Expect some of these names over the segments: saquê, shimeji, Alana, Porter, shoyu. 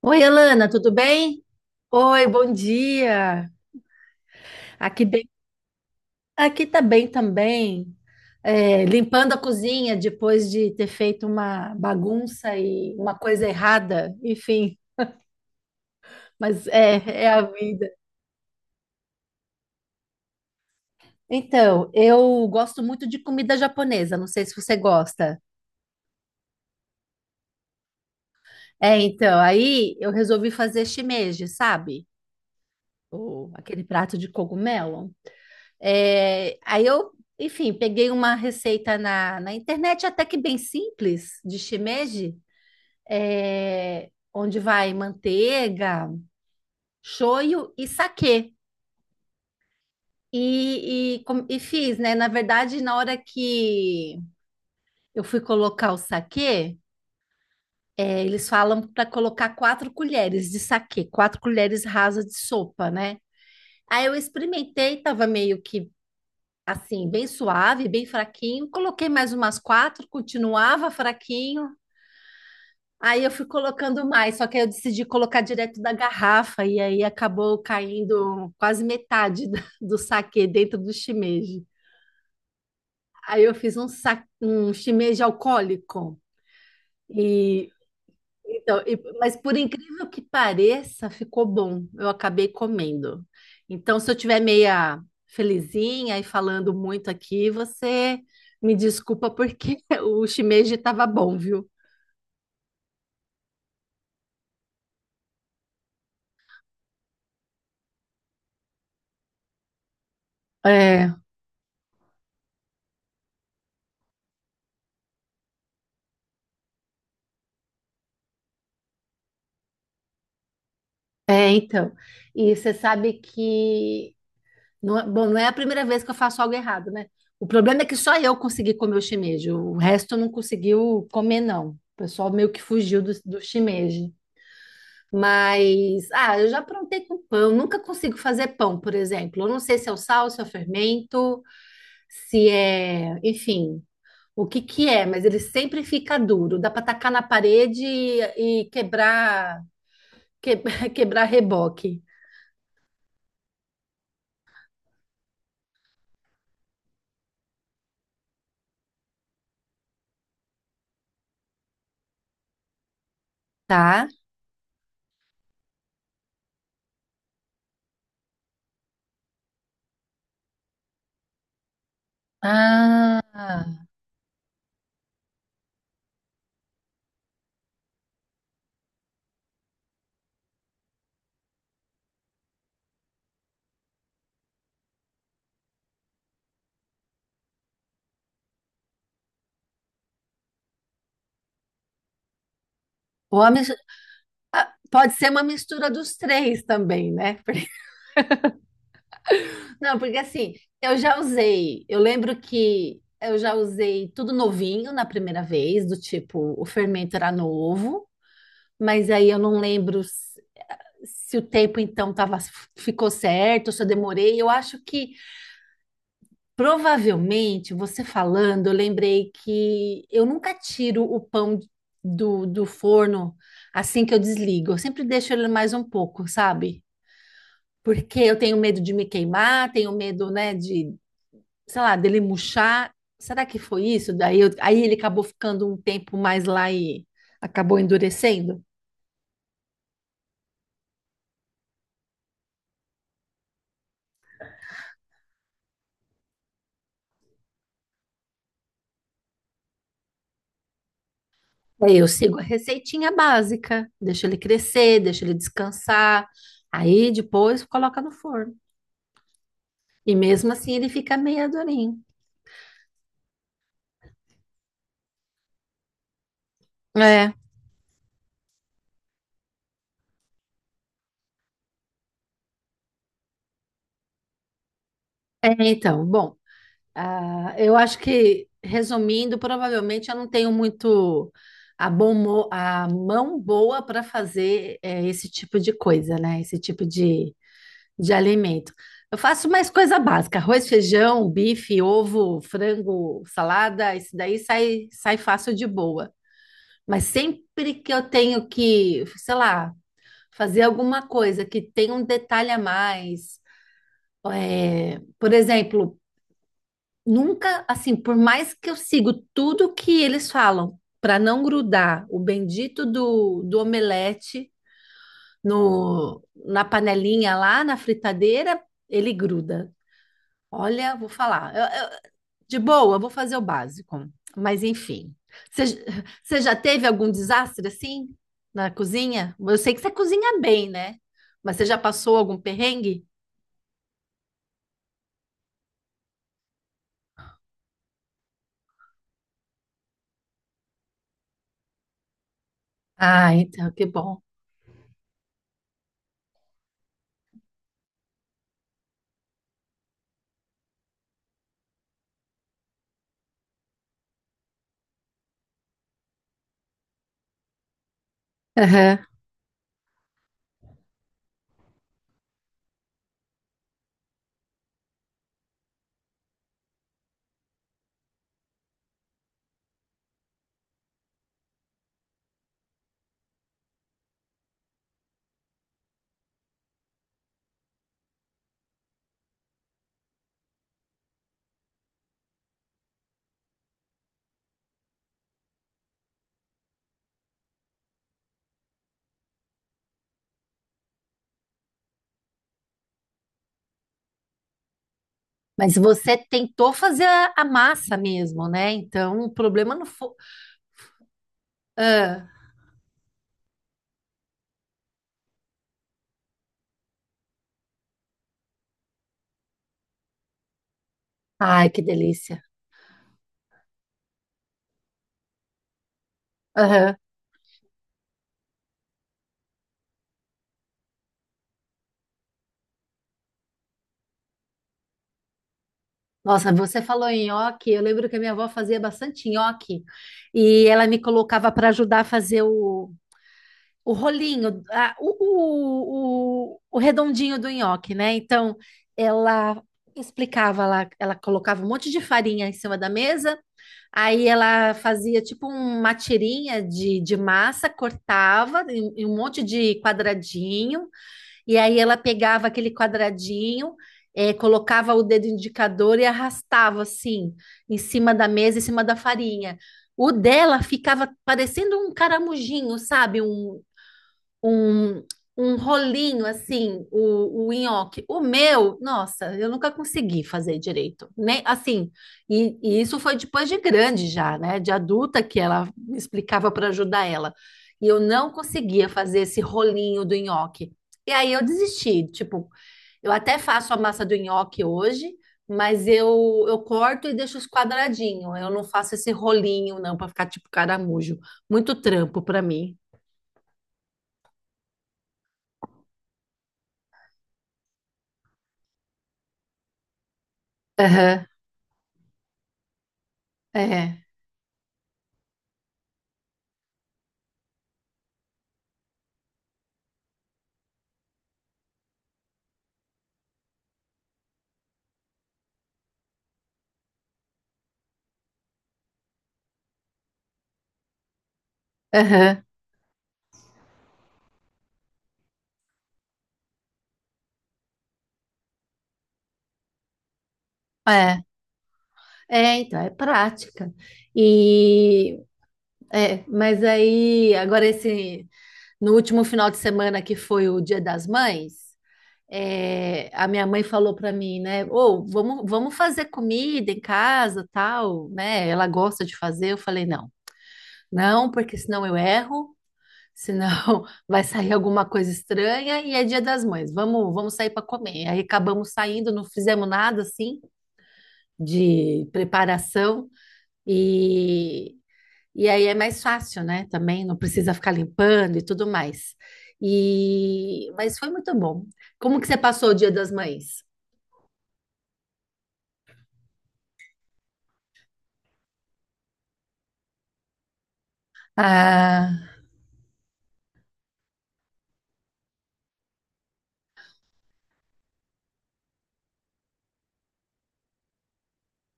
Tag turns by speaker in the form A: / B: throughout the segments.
A: Oi, Alana, tudo bem? Oi, bom dia. Aqui bem, aqui tá bem também. Limpando a cozinha depois de ter feito uma bagunça e uma coisa errada, enfim, mas é a vida. Então, eu gosto muito de comida japonesa, não sei se você gosta. Então, aí eu resolvi fazer shimeji, sabe? O, aquele prato de cogumelo. É, aí eu, enfim, peguei uma receita na internet até que bem simples de shimeji, onde vai manteiga, shoyu e saquê. E fiz, né? Na verdade, na hora que eu fui colocar o saquê, eles falam para colocar quatro colheres de saquê, quatro colheres rasas de sopa, né? Aí eu experimentei, tava meio que assim, bem suave, bem fraquinho. Coloquei mais umas quatro, continuava fraquinho. Aí eu fui colocando mais, só que aí eu decidi colocar direto da garrafa e aí acabou caindo quase metade do saquê dentro do shimeji. Aí eu fiz um, sa um shimeji alcoólico e então, mas por incrível que pareça, ficou bom. Eu acabei comendo. Então, se eu tiver meia felizinha e falando muito aqui, você me desculpa porque o shimeji estava bom, viu? É, então. E você sabe que não, bom, não é a primeira vez que eu faço algo errado, né? O problema é que só eu consegui comer o shimeji, o resto não conseguiu comer, não. O pessoal meio que fugiu do shimeji. Mas, ah, eu já aprontei com pão. Nunca consigo fazer pão, por exemplo. Eu não sei se é o sal, se é o fermento, se é, enfim, o que que é, mas ele sempre fica duro. Dá para tacar na parede e quebrar, que- quebrar reboque, tá? Ah, Ou a mis- pode ser uma mistura dos três também, né? Não, porque assim, eu já usei. Eu lembro que eu já usei tudo novinho na primeira vez, do tipo, o fermento era novo, mas aí eu não lembro se, se o tempo então tava, ficou certo, se eu demorei. Eu acho que provavelmente, você falando, eu lembrei que eu nunca tiro o pão do forno assim que eu desligo. Eu sempre deixo ele mais um pouco, sabe? Porque eu tenho medo de me queimar, tenho medo, né, de sei lá, dele murchar. Será que foi isso? Aí ele acabou ficando um tempo mais lá e acabou endurecendo. Daí eu sigo a receitinha básica, deixo ele crescer, deixo ele descansar. Aí depois coloca no forno. E mesmo assim ele fica meio durinho. É, bom, ah, eu acho que, resumindo, provavelmente eu não tenho muito a mão boa para fazer esse tipo de coisa, né? Esse tipo de alimento. Eu faço mais coisa básica: arroz, feijão, bife, ovo, frango, salada. Isso daí sai fácil de boa. Mas sempre que eu tenho que, sei lá, fazer alguma coisa que tenha um detalhe a mais, por exemplo, nunca, assim, por mais que eu sigo tudo que eles falam, para não grudar o bendito do omelete no, na panelinha lá, na fritadeira, ele gruda. Olha, vou falar. De boa, vou fazer o básico. Mas enfim. Você j- você já teve algum desastre assim na cozinha? Eu sei que você cozinha bem, né? Mas você já passou algum perrengue? Ah, então, que bom. Aham. Mas você tentou fazer a massa mesmo, né? Então, o problema não foi. Ah. Ai, que delícia. Aham. Nossa, você falou em nhoque. Eu lembro que a minha avó fazia bastante nhoque e ela me colocava para ajudar a fazer o rolinho, o redondinho do nhoque, né? Então, ela explicava lá, ela colocava um monte de farinha em cima da mesa, aí ela fazia tipo uma tirinha de massa, cortava em um monte de quadradinho, e aí ela pegava aquele quadradinho, colocava o dedo indicador e arrastava assim, em cima da mesa, em cima da farinha. O dela ficava parecendo um caramujinho, sabe? Um, um rolinho assim, o nhoque. O meu, nossa, eu nunca consegui fazer direito. Nem assim, e isso foi depois de grande já, né? De adulta que ela me explicava para ajudar ela. E eu não conseguia fazer esse rolinho do nhoque. E aí eu desisti, tipo, eu até faço a massa do nhoque hoje, mas eu corto e deixo os quadradinhos. Eu não faço esse rolinho, não, para ficar tipo caramujo. Muito trampo para mim. Aham. É. Aham. É, é prática. E, mas aí, agora esse, no último final de semana que foi o Dia das Mães, a minha mãe falou para mim, né, ou vamos fazer comida em casa, tal, né, ela gosta de fazer, eu falei, não, porque senão eu erro, senão vai sair alguma coisa estranha e é Dia das Mães, vamos sair para comer. Aí acabamos saindo, não fizemos nada, assim, de preparação, E, e aí é mais fácil, né? Também não precisa ficar limpando e tudo mais. E, mas foi muito bom. Como que você passou o Dia das Mães? Ah,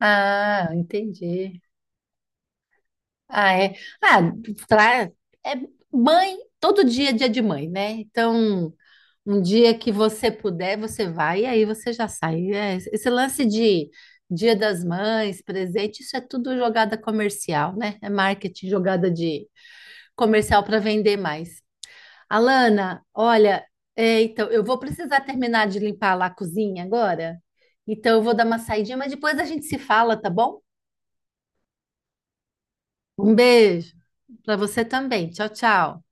A: ah, entendi. Ah, é. Ah, tra- é mãe, todo dia é dia de mãe, né? Então, um dia que você puder, você vai e aí você já sai. É, esse lance de Dia das Mães, presente, isso é tudo jogada comercial, né? É marketing, jogada de comercial para vender mais. Alana, olha, então eu vou precisar terminar de limpar lá a cozinha agora. Então eu vou dar uma saidinha, mas depois a gente se fala, tá bom? Um beijo para você também. Tchau, tchau.